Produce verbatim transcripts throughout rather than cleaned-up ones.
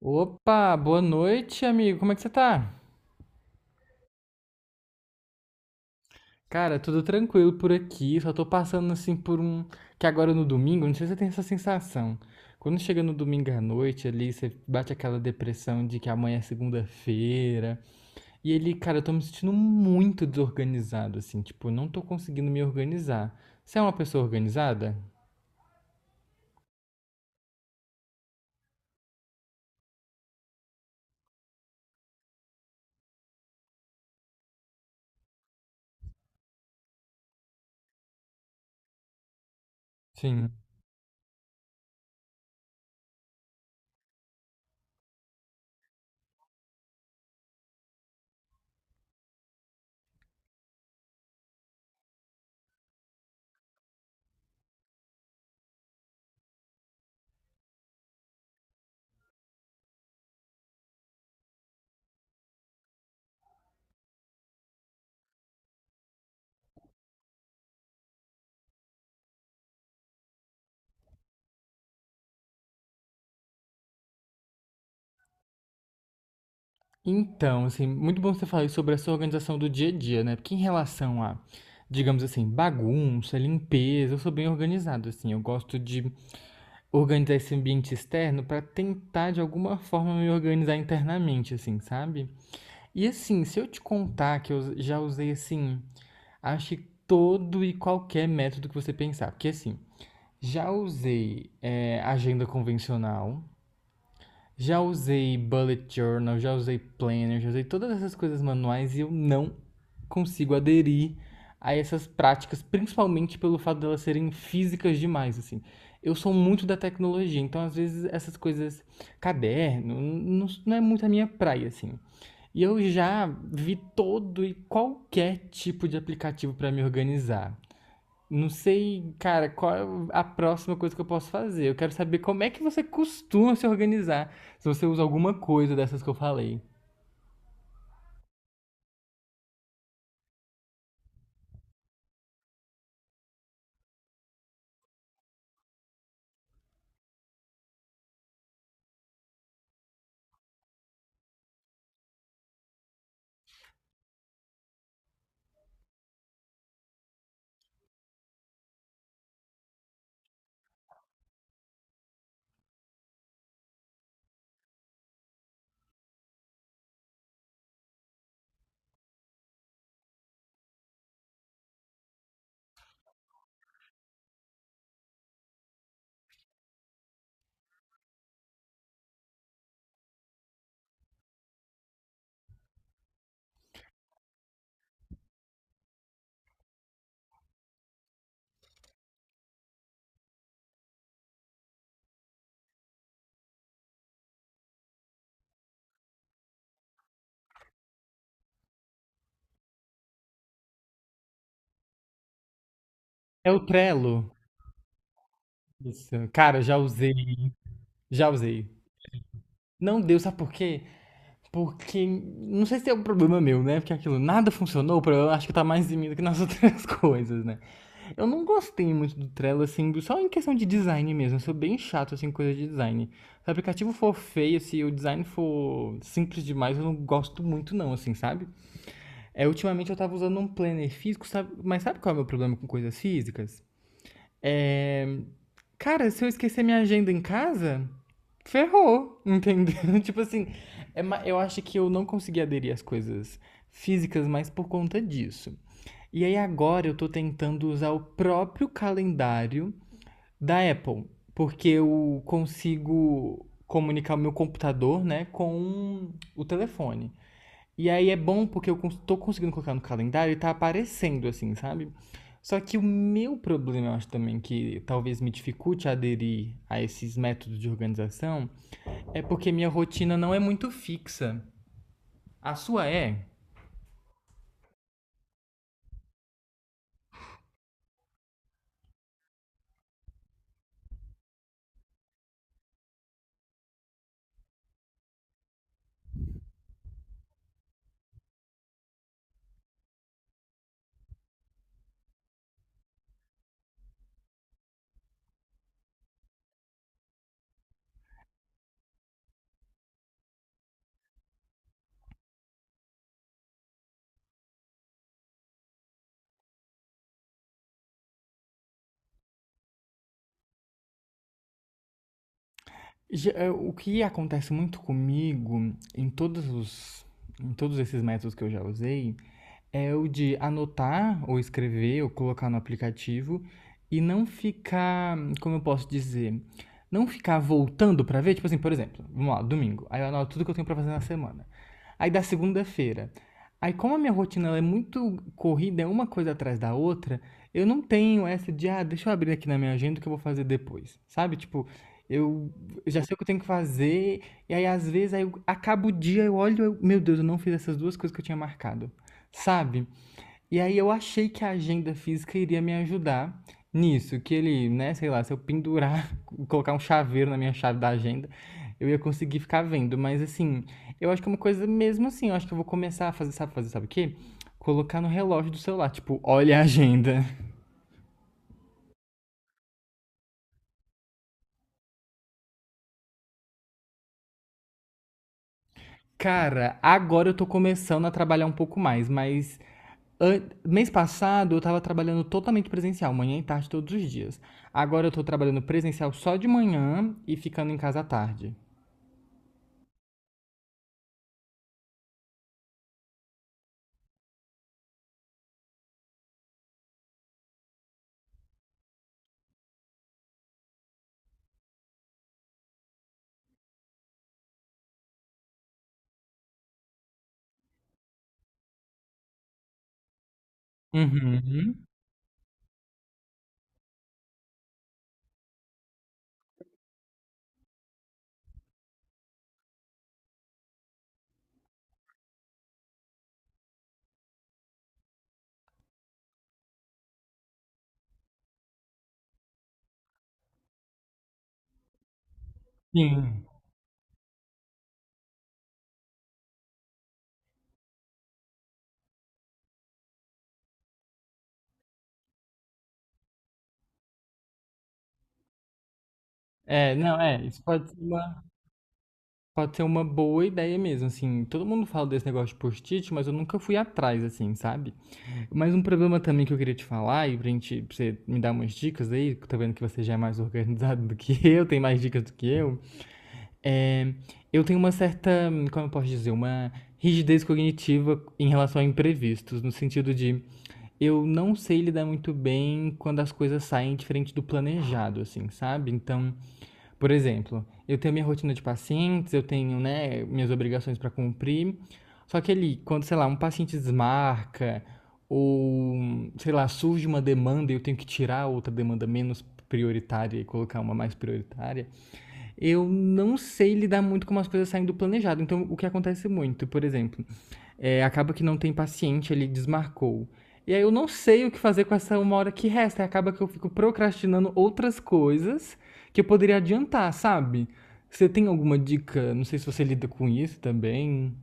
Opa, boa noite, amigo. Como é que você tá? Cara, tudo tranquilo por aqui. Só tô passando assim por um. Que agora é no domingo, não sei se você tem essa sensação. Quando chega no domingo à noite ali, você bate aquela depressão de que amanhã é segunda-feira. E ele, cara, eu tô me sentindo muito desorganizado, assim. Tipo, eu não tô conseguindo me organizar. Você é uma pessoa organizada? Sim. Então, assim, muito bom você falar sobre essa organização do dia a dia, né? Porque em relação a, digamos assim, bagunça, limpeza, eu sou bem organizado, assim. Eu gosto de organizar esse ambiente externo para tentar, de alguma forma, me organizar internamente, assim, sabe? E assim, se eu te contar que eu já usei, assim, acho que todo e qualquer método que você pensar. Porque, assim, já usei, eh, agenda convencional. Já usei bullet journal, já usei planner, já usei todas essas coisas manuais e eu não consigo aderir a essas práticas, principalmente pelo fato delas serem físicas demais, assim. Eu sou muito da tecnologia, então às vezes essas coisas, caderno, não, não é muito a minha praia, assim. E eu já vi todo e qualquer tipo de aplicativo para me organizar. Não sei, cara, qual é a próxima coisa que eu posso fazer. Eu quero saber como é que você costuma se organizar, se você usa alguma coisa dessas que eu falei. É o Trello? Isso. Cara, já usei, já usei. Não deu, sabe por quê? Porque, não sei se é um problema meu, né? Porque aquilo, nada funcionou, o problema acho que tá mais em mim do que nas outras coisas, né? Eu não gostei muito do Trello, assim, só em questão de design mesmo. Eu sou bem chato, assim, com coisa de design. Se o aplicativo for feio, se o design for simples demais, eu não gosto muito não, assim, sabe? É, ultimamente eu tava usando um planner físico, sabe? Mas sabe qual é o meu problema com coisas físicas? É, cara, se eu esquecer minha agenda em casa, ferrou, entendeu? Tipo assim, é, eu acho que eu não consegui aderir às coisas físicas mais por conta disso. E aí agora eu tô tentando usar o próprio calendário da Apple, porque eu consigo comunicar o meu computador, né, com o telefone. E aí é bom porque eu tô conseguindo colocar no calendário e tá aparecendo assim, sabe? Só que o meu problema, eu acho também que talvez me dificulte aderir a esses métodos de organização, é porque minha rotina não é muito fixa. A sua é? É, o que acontece muito comigo em todos os em todos esses métodos que eu já usei é o de anotar ou escrever ou colocar no aplicativo e não ficar, como eu posso dizer, não ficar voltando pra ver, tipo assim, por exemplo, vamos lá, domingo, aí eu anoto tudo que eu tenho pra fazer na semana. Aí da segunda-feira, aí como a minha rotina ela é muito corrida, é uma coisa atrás da outra, eu não tenho essa de, ah, deixa eu abrir aqui na minha agenda o que eu vou fazer depois, sabe? Tipo, eu eu já sei o que eu tenho que fazer, e aí às vezes aí eu acabo o dia, eu olho, eu, meu Deus, eu não fiz essas duas coisas que eu tinha marcado. Sabe? E aí eu achei que a agenda física iria me ajudar nisso, que ele, né, sei lá, se eu pendurar, colocar um chaveiro na minha chave da agenda, eu ia conseguir ficar vendo. Mas assim, eu acho que é uma coisa mesmo assim, eu acho que eu vou começar a fazer, sabe, fazer, sabe o quê? Colocar no relógio do celular, tipo, olha a agenda. Cara, agora eu tô começando a trabalhar um pouco mais, mas mês passado eu estava trabalhando totalmente presencial, manhã e tarde todos os dias. Agora eu estou trabalhando presencial só de manhã e ficando em casa à tarde. Uhum. Sim. É, não, é, Isso pode ser uma, pode ser uma boa ideia mesmo, assim. Todo mundo fala desse negócio de post-it, mas eu nunca fui atrás, assim, sabe? Mas um problema também que eu queria te falar, e pra gente, pra você me dar umas dicas aí, que eu tô vendo que você já é mais organizado do que eu, tem mais dicas do que eu. É, eu tenho uma certa, como eu posso dizer, uma rigidez cognitiva em relação a imprevistos, no sentido de eu não sei lidar muito bem quando as coisas saem diferente do planejado, assim, sabe? Então, por exemplo, eu tenho minha rotina de pacientes, eu tenho, né, minhas obrigações para cumprir, só que ali, quando, sei lá, um paciente desmarca, ou, sei lá, surge uma demanda e eu tenho que tirar outra demanda menos prioritária e colocar uma mais prioritária. Eu não sei lidar muito com as coisas saindo do planejado. Então, o que acontece muito, por exemplo, é, acaba que não tem paciente, ele desmarcou. E aí eu não sei o que fazer com essa uma hora que resta. Acaba que eu fico procrastinando outras coisas que eu poderia adiantar, sabe? Você tem alguma dica? Não sei se você lida com isso também.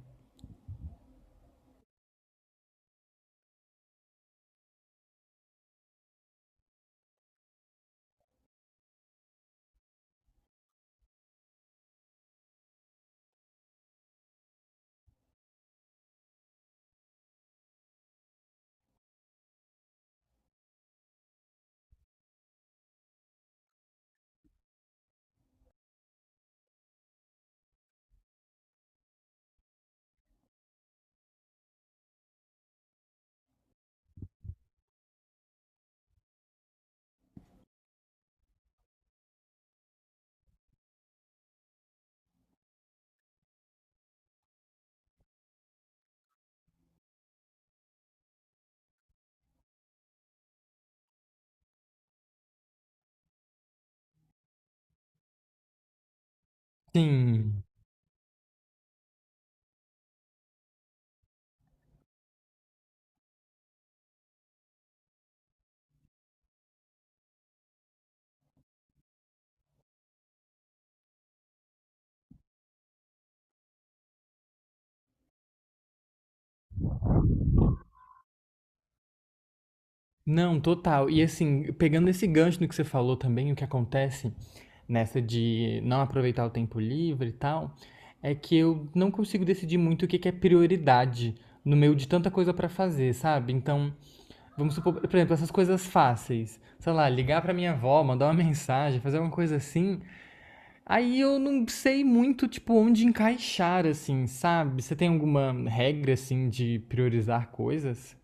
Sim. Não, total. E assim, pegando esse gancho no que você falou também, o que acontece nessa de não aproveitar o tempo livre e tal, é que eu não consigo decidir muito o que que é prioridade no meio de tanta coisa pra fazer, sabe? Então, vamos supor, por exemplo, essas coisas fáceis, sei lá, ligar pra minha avó, mandar uma mensagem, fazer alguma coisa assim. Aí eu não sei muito, tipo, onde encaixar, assim, sabe? Você tem alguma regra, assim, de priorizar coisas?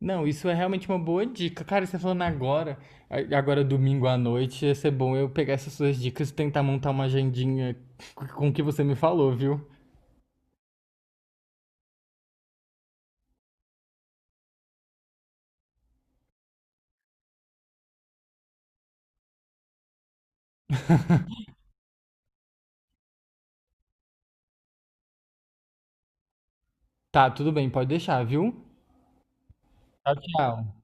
Não, isso é realmente uma boa dica. Cara, você falando agora, a- agora é domingo à noite, ia ser bom eu pegar essas suas dicas e tentar montar uma agendinha com o que você me falou, viu? Tá, tudo bem, pode deixar, viu? Tchau, tchau.